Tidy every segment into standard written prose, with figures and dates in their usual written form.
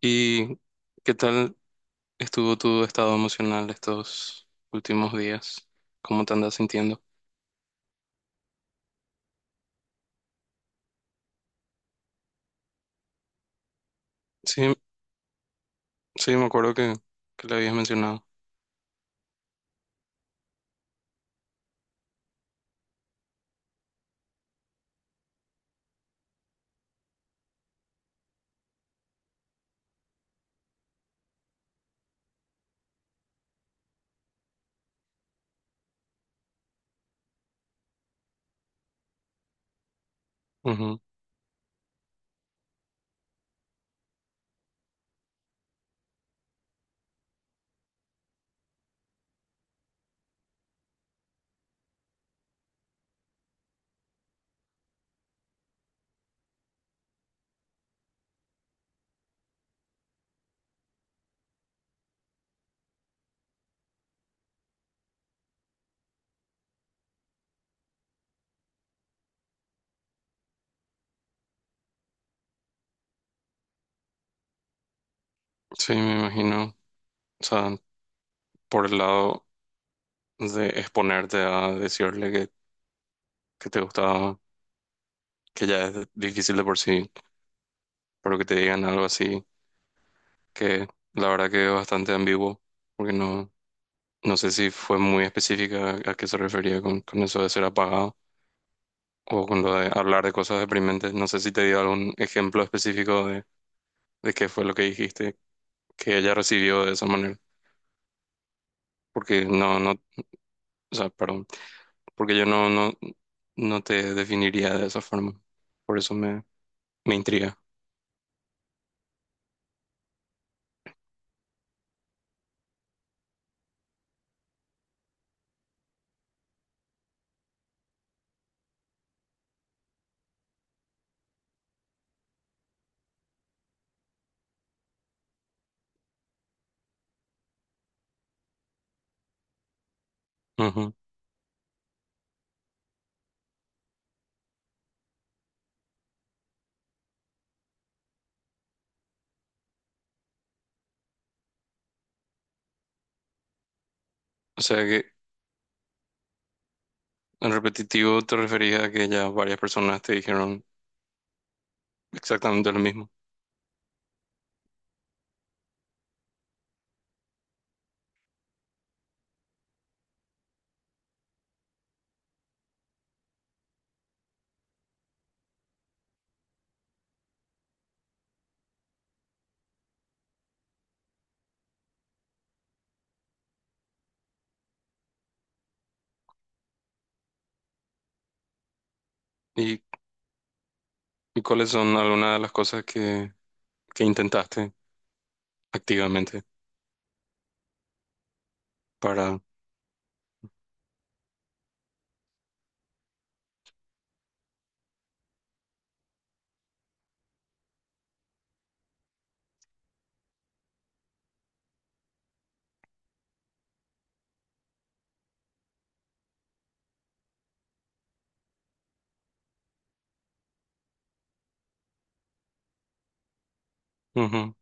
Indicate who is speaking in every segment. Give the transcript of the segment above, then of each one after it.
Speaker 1: ¿Y qué tal estuvo tu estado emocional estos últimos días? ¿Cómo te andas sintiendo? Sí, sí, me acuerdo que le habías mencionado. Ujú. Sí, me imagino. O sea, por el lado de exponerte a decirle que te gustaba, que ya es difícil de por sí, pero que te digan algo así, que la verdad que es bastante ambiguo, porque no sé si fue muy específica a qué se refería con eso de ser apagado, o con lo de hablar de cosas deprimentes. No sé si te dio algún ejemplo específico de qué fue lo que dijiste que ella recibió de esa manera. Porque no, no, o sea, Perdón, porque yo no te definiría de esa forma. Por eso me intriga. Ujú. O sea que en repetitivo te refería a que ya varias personas te dijeron exactamente lo mismo. ¿Y, y cuáles son algunas de las cosas que intentaste activamente para... Ujú,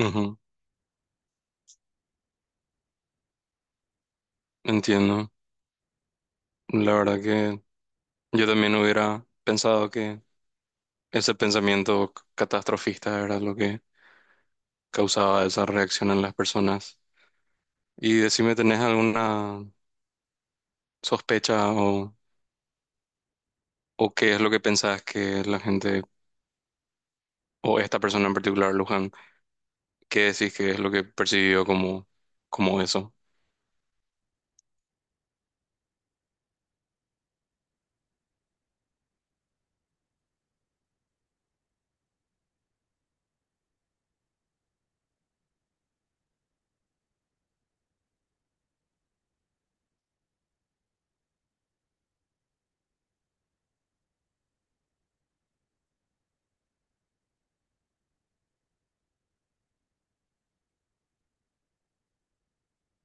Speaker 1: ujú. Entiendo. La verdad que... Yo también hubiera pensado que ese pensamiento catastrofista era lo que causaba esa reacción en las personas. Y decime, ¿tenés alguna sospecha o qué es lo que pensás que la gente, o esta persona en particular, Luján, qué decís que es lo que percibió como, como eso?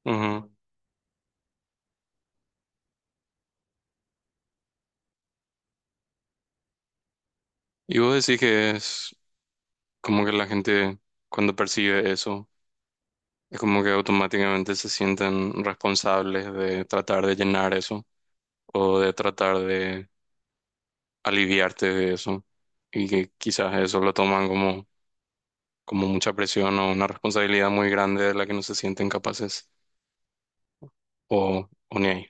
Speaker 1: Ujú. Y vos decís que es como que la gente cuando percibe eso, es como que automáticamente se sienten responsables de tratar de llenar eso o de tratar de aliviarte de eso y que quizás eso lo toman como, como mucha presión o una responsabilidad muy grande de la que no se sienten capaces o ni ahí.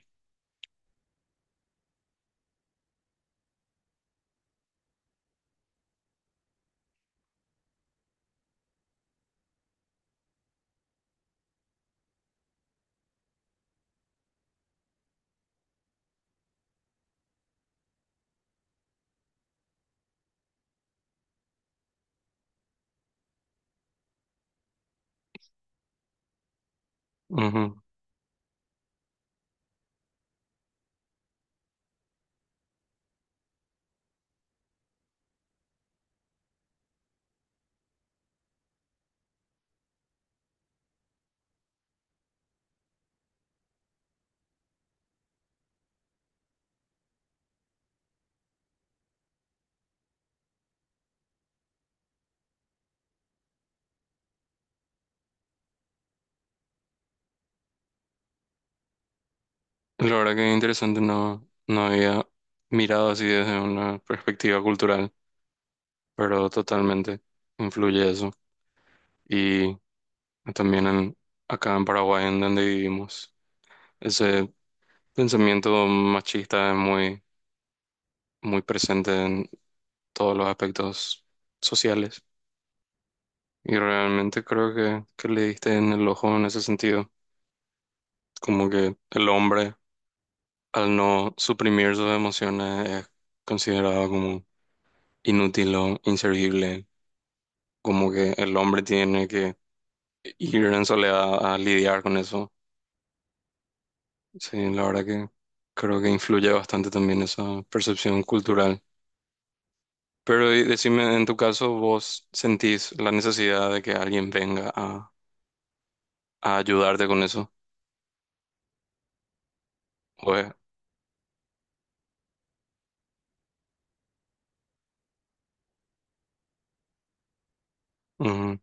Speaker 1: Ujú. La verdad que es interesante, no había mirado así desde una perspectiva cultural, pero totalmente influye eso. Y también en, acá en Paraguay, en donde vivimos, ese pensamiento machista es muy, muy presente en todos los aspectos sociales. Y realmente creo que le diste en el ojo en ese sentido. Como que el hombre, al no suprimir sus emociones, es considerado como inútil o inservible. Como que el hombre tiene que ir en soledad a lidiar con eso. Sí, la verdad que creo que influye bastante también esa percepción cultural. Pero y decime, en tu caso, ¿vos sentís la necesidad de que alguien venga a ayudarte con eso? Pues, ujú,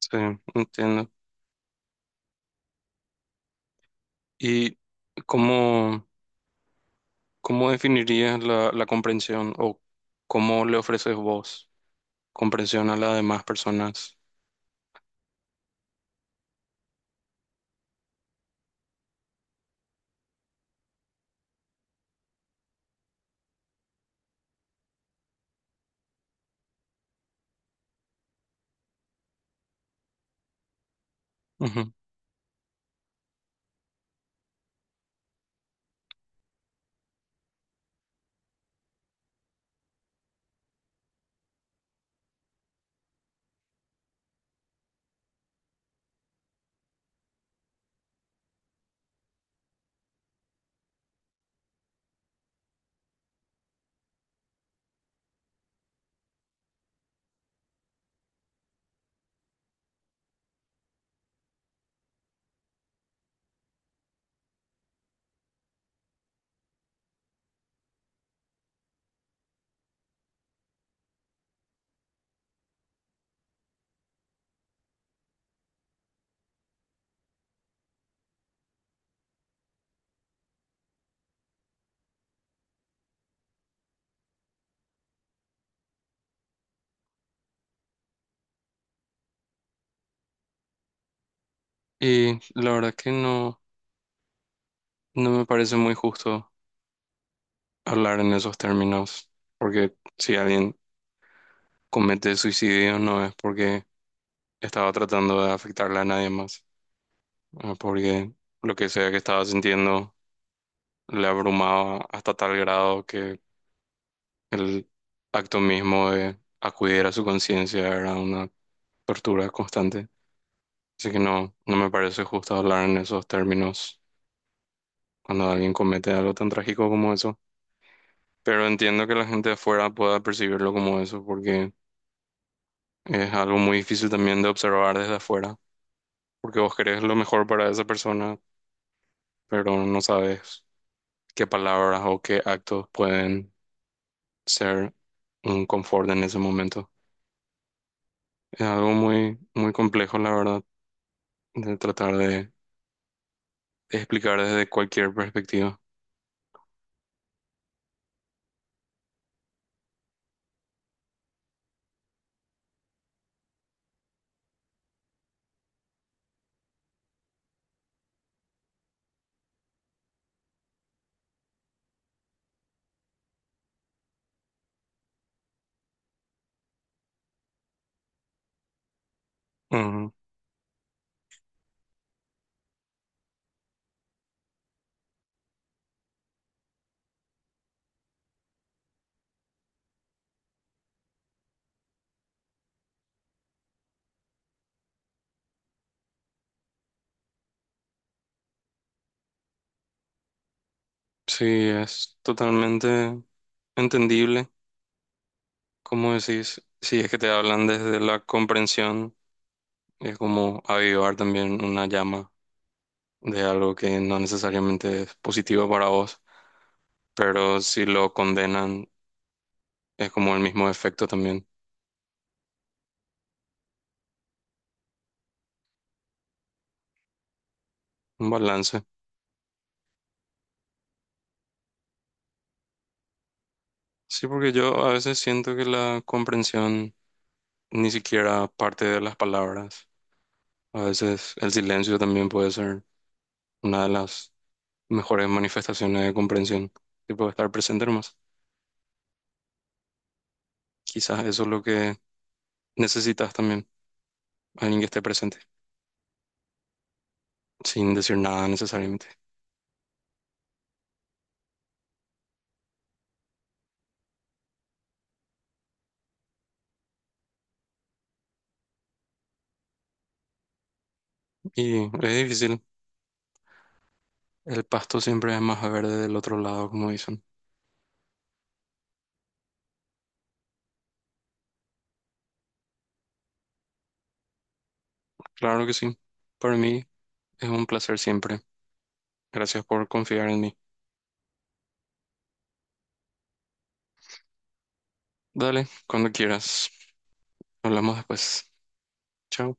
Speaker 1: sí, entiendo. ¿Y cómo, cómo definirías la comprensión o cómo le ofreces vos comprensión a las demás personas? Ujú. Y la verdad que no me parece muy justo hablar en esos términos, porque si alguien comete suicidio no es porque estaba tratando de afectarle a nadie más, porque lo que sea que estaba sintiendo le abrumaba hasta tal grado que el acto mismo de acudir a su conciencia era una tortura constante. Así que no me parece justo hablar en esos términos cuando alguien comete algo tan trágico como eso. Pero entiendo que la gente de afuera pueda percibirlo como eso, porque es algo muy difícil también de observar desde afuera, porque vos querés lo mejor para esa persona, pero no sabes qué palabras o qué actos pueden ser un confort en ese momento. Es algo muy, muy complejo, la verdad, de tratar de explicar desde cualquier perspectiva. Ujú. Sí, es totalmente entendible. Como decís, si es que te hablan desde la comprensión, es como avivar también una llama de algo que no necesariamente es positivo para vos, pero si lo condenan, es como el mismo efecto también, un balance. Sí, porque yo a veces siento que la comprensión ni siquiera parte de las palabras. A veces el silencio también puede ser una de las mejores manifestaciones de comprensión, tipo estar presente nomás. Quizás eso es lo que necesitas también, alguien que esté presente, sin decir nada necesariamente. Y es difícil, el pasto siempre es más verde del otro lado, como dicen. Claro que sí, para mí es un placer siempre. Gracias por confiar en mí. Dale, cuando quieras. Hablamos después. Chao.